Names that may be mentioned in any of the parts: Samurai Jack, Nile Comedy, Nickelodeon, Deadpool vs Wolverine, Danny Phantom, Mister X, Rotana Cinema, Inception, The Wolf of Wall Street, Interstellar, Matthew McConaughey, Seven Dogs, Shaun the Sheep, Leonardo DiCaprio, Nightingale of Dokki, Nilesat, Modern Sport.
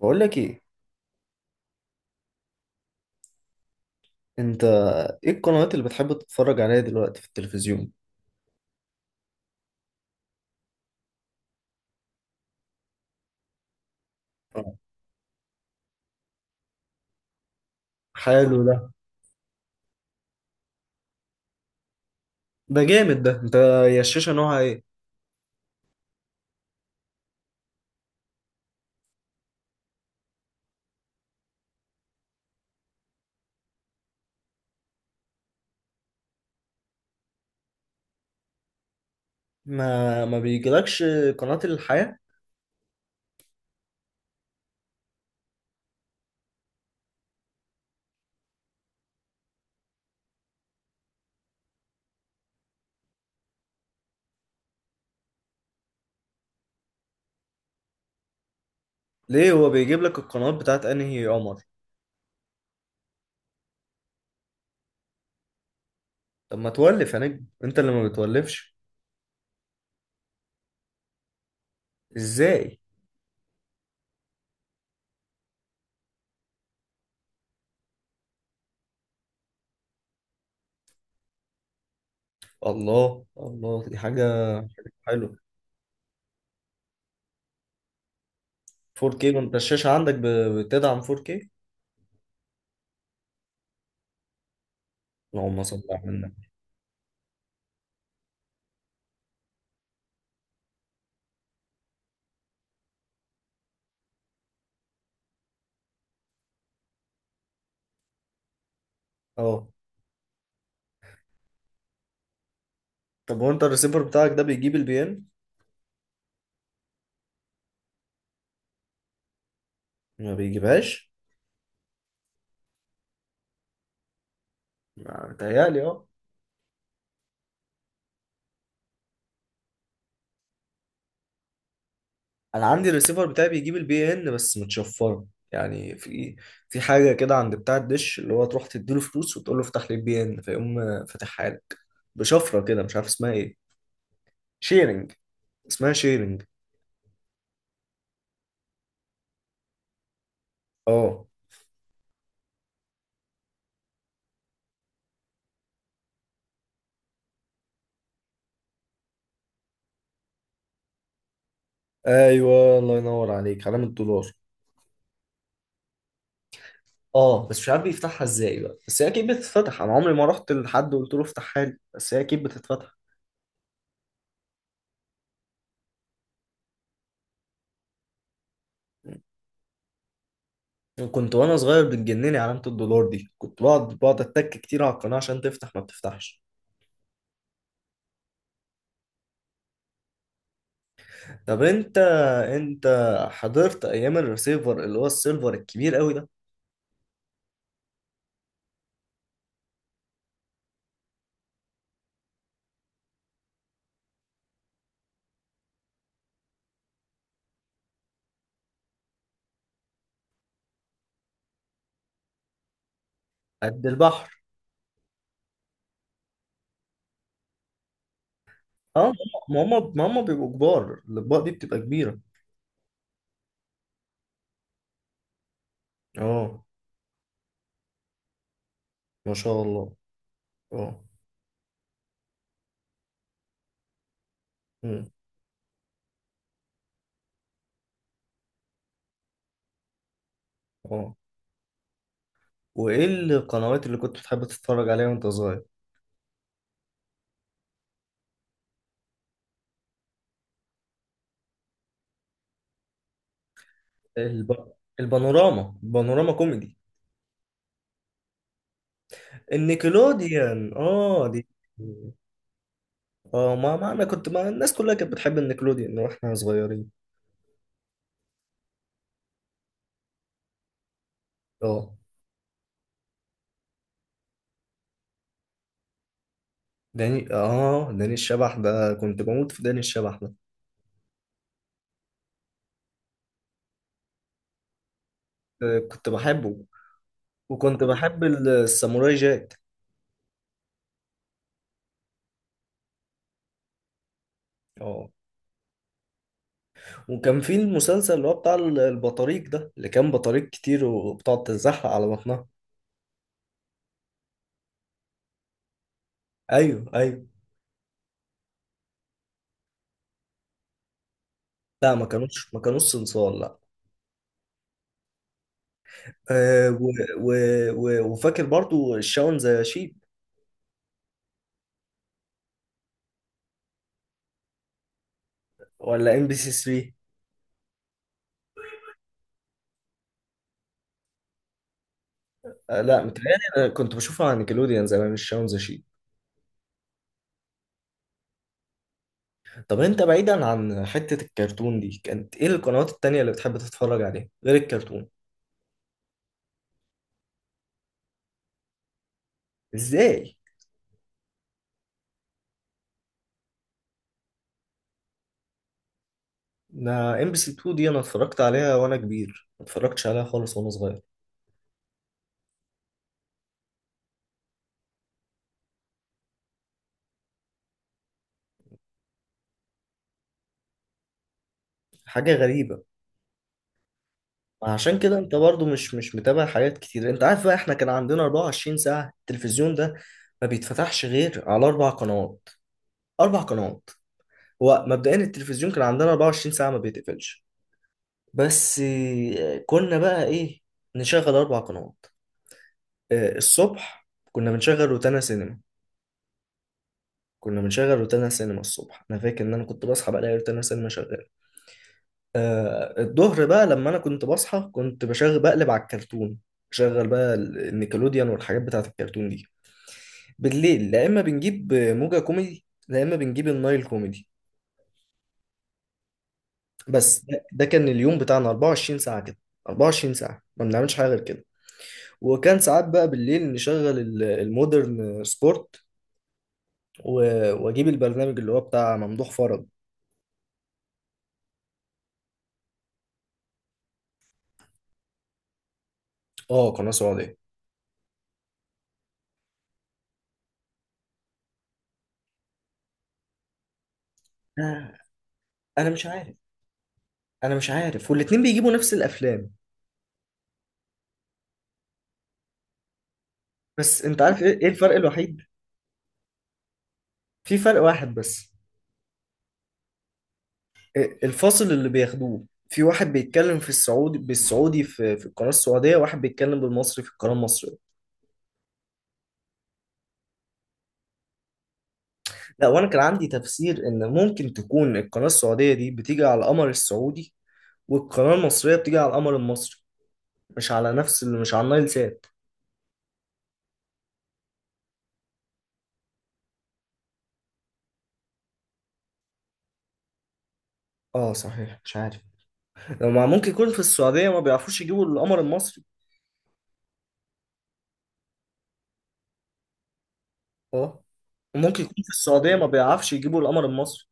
بقول لك ايه، انت؟ ايه القنوات اللي بتحب تتفرج عليها دلوقتي في التلفزيون؟ اه. حلو ده. ده جامد ده. انت، يا، الشاشة نوعها ايه؟ ما بيجيلكش قناة الحياة؟ ليه، هو بيجيب لك القنوات بتاعت انهي قمر؟ طب ما تولف يا نجم، انت اللي ما بتولفش. ازاي؟ الله الله، دي حاجة حلوة. 4K؟ وانت الشاشة عندك بتدعم 4K؟ اللهم صل على النبي. اه. طب وانت الريسيفر بتاعك ده بيجيب البيان؟ ما بيجيبهاش. متهيألي اه. انا عندي الريسيفر بتاعي بيجيب البي ان بس متشفره، يعني في حاجه كده عند بتاع الدش، اللي هو تروح تديله فلوس وتقول له افتح لي البي ان، فيقوم فاتحها لك بشفره كده مش عارف اسمها ايه. شيرنج، اسمها شيرنج. اه، ايوه، الله ينور عليك، علامة دولار. اه بس مش عارف بيفتحها ازاي بقى، بس هي اكيد بتتفتح. انا عمري ما رحت لحد وقلت له افتحها لي، بس هي اكيد بتتفتح. كنت وانا صغير بتجنني علامه الدولار دي، كنت بقعد اتك كتير على القناه عشان تفتح ما بتفتحش. طب انت، انت حضرت ايام الريسيفر اللي هو السيلفر الكبير قوي ده؟ قد البحر. اه، ما هم بيبقوا كبار، الاطباق دي بتبقى كبيره. اه، ما شاء الله. اه. مم. اه. وايه القنوات اللي كنت بتحب تتفرج عليها وانت صغير؟ الب... البانوراما كوميدي. النيكلوديان، اه دي. اه، ما انا كنت، ما الناس كلها كانت بتحب النيكلوديان واحنا صغيرين. اه، داني الشبح ده كنت بموت في داني الشبح ده. آه، كنت بحبه. وكنت بحب الساموراي جاك. اه، وكان في المسلسل اللي هو بتاع البطاريق ده، اللي كان بطاريق كتير وبتقعد تتزحلق على بطنها. ايوه، ايوه. لا، ما كانوش صنصال، لا. و و و وفاكر برضو الشاون ذا شيب. ولا ام بي سي 3. لا، متهيألي انا كنت بشوفها على نيكلوديان زمان الشاون ذا شيب. طب انت بعيدا عن حتة الكرتون دي، كانت ايه القنوات التانية اللي بتحب تتفرج عليها غير الكرتون؟ ازاي؟ انا ام بي سي 2 دي انا اتفرجت عليها وانا كبير، ما اتفرجتش عليها خالص وانا صغير. حاجه غريبه. عشان كده انت برضو مش متابع حاجات كتير. انت عارف بقى، احنا كان عندنا 24 ساعه التلفزيون ده ما بيتفتحش غير على اربع قنوات. اربع قنوات. هو مبدئيا التلفزيون كان عندنا 24 ساعه ما بيتقفلش، بس كنا بقى ايه، نشغل اربع قنوات. الصبح كنا بنشغل روتانا سينما. كنا بنشغل روتانا سينما الصبح، انا فاكر ان انا كنت بصحى بلاقي روتانا سينما شغال. الظهر بقى لما انا كنت بصحى كنت بشغل، بقلب على الكرتون. شغل بقى النيكلوديان والحاجات بتاعت الكرتون دي. بالليل لا، اما بنجيب موجة كوميدي لا اما بنجيب النايل كوميدي. بس ده كان اليوم بتاعنا 24 ساعة كده. 24 ساعة ما بنعملش حاجة غير كده. وكان ساعات بقى بالليل نشغل المودرن سبورت، واجيب البرنامج اللي هو بتاع ممدوح فرج. اه، قناة سعودية. آه، انا مش عارف. انا مش عارف، والاتنين بيجيبوا نفس الافلام. بس انت عارف إيه الفرق الوحيد؟ في فرق واحد بس. الفاصل اللي بياخدوه. في واحد بيتكلم في السعودي بالسعودي في القناة السعودية، واحد بيتكلم بالمصري في القناة المصرية. لا، وانا كان عندي تفسير ان ممكن تكون القناة السعودية دي بتيجي على القمر السعودي، والقناة المصرية بتيجي على القمر المصري، مش على نفس اللي، مش على النايل سات. اه صحيح، مش عارف. ما ممكن يكون في السعودية ما بيعرفوش يجيبوا القمر المصري. اه. وممكن يكون في السعودية ما بيعرفش يجيبوا القمر المصري.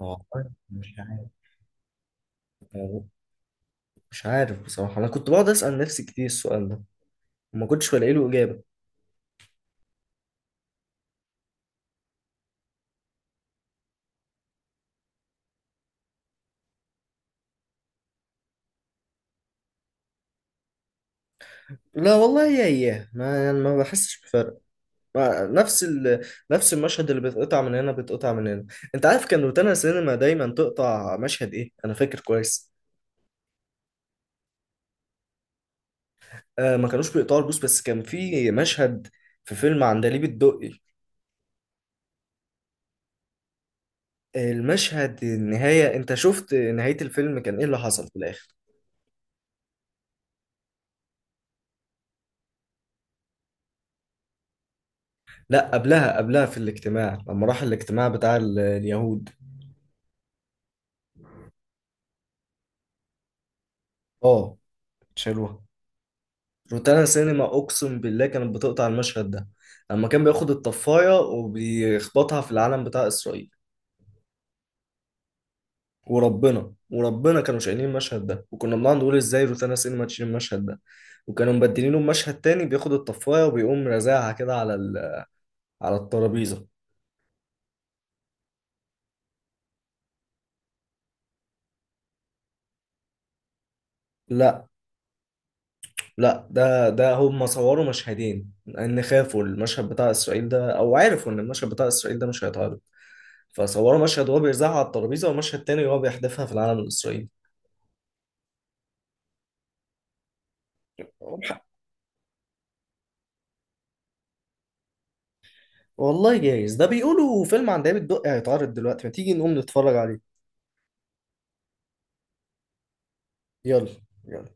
والله مش عارف. مش عارف بصراحة، أنا كنت بقعد أسأل نفسي كتير السؤال ده، وما كنتش بلاقي له إجابة. لا والله يا إياه، ما يعني، ما بحسش بفرق. ما نفس نفس المشهد اللي بيتقطع من هنا بيتقطع من هنا. أنت عارف كان روتانا سينما دايما تقطع مشهد إيه؟ أنا فاكر كويس. ما كانوش بيقطعوا البوس، بس كان في مشهد في فيلم عندليب الدقي. المشهد النهاية، أنت شفت نهاية الفيلم كان إيه اللي حصل في الآخر؟ لا، قبلها، قبلها في الاجتماع لما راح الاجتماع بتاع اليهود. اه، شالوها. روتانا سينما اقسم بالله كانت بتقطع المشهد ده، لما كان بياخد الطفايه وبيخبطها في العلم بتاع اسرائيل. وربنا وربنا كانوا شايلين المشهد ده، وكنا بنقعد نقول ازاي روتانا سينما تشيل المشهد ده. وكانوا مبدلينه بمشهد تاني، بياخد الطفايه وبيقوم رازعها كده على الترابيزه. لا، لا ده هم صوروا مشهدين، ان خافوا المشهد بتاع اسرائيل ده، او عرفوا ان المشهد بتاع اسرائيل ده مش هيتعرض، فصوروا مشهد وهو بيرزعها على الترابيزه، ومشهد تاني وهو بيحدفها في العلم الاسرائيلي. والله جايز، ده بيقولوا فيلم عن دايما الدقي هيتعرض دلوقتي، ما تيجي نقوم نتفرج عليه. يلا. يلا.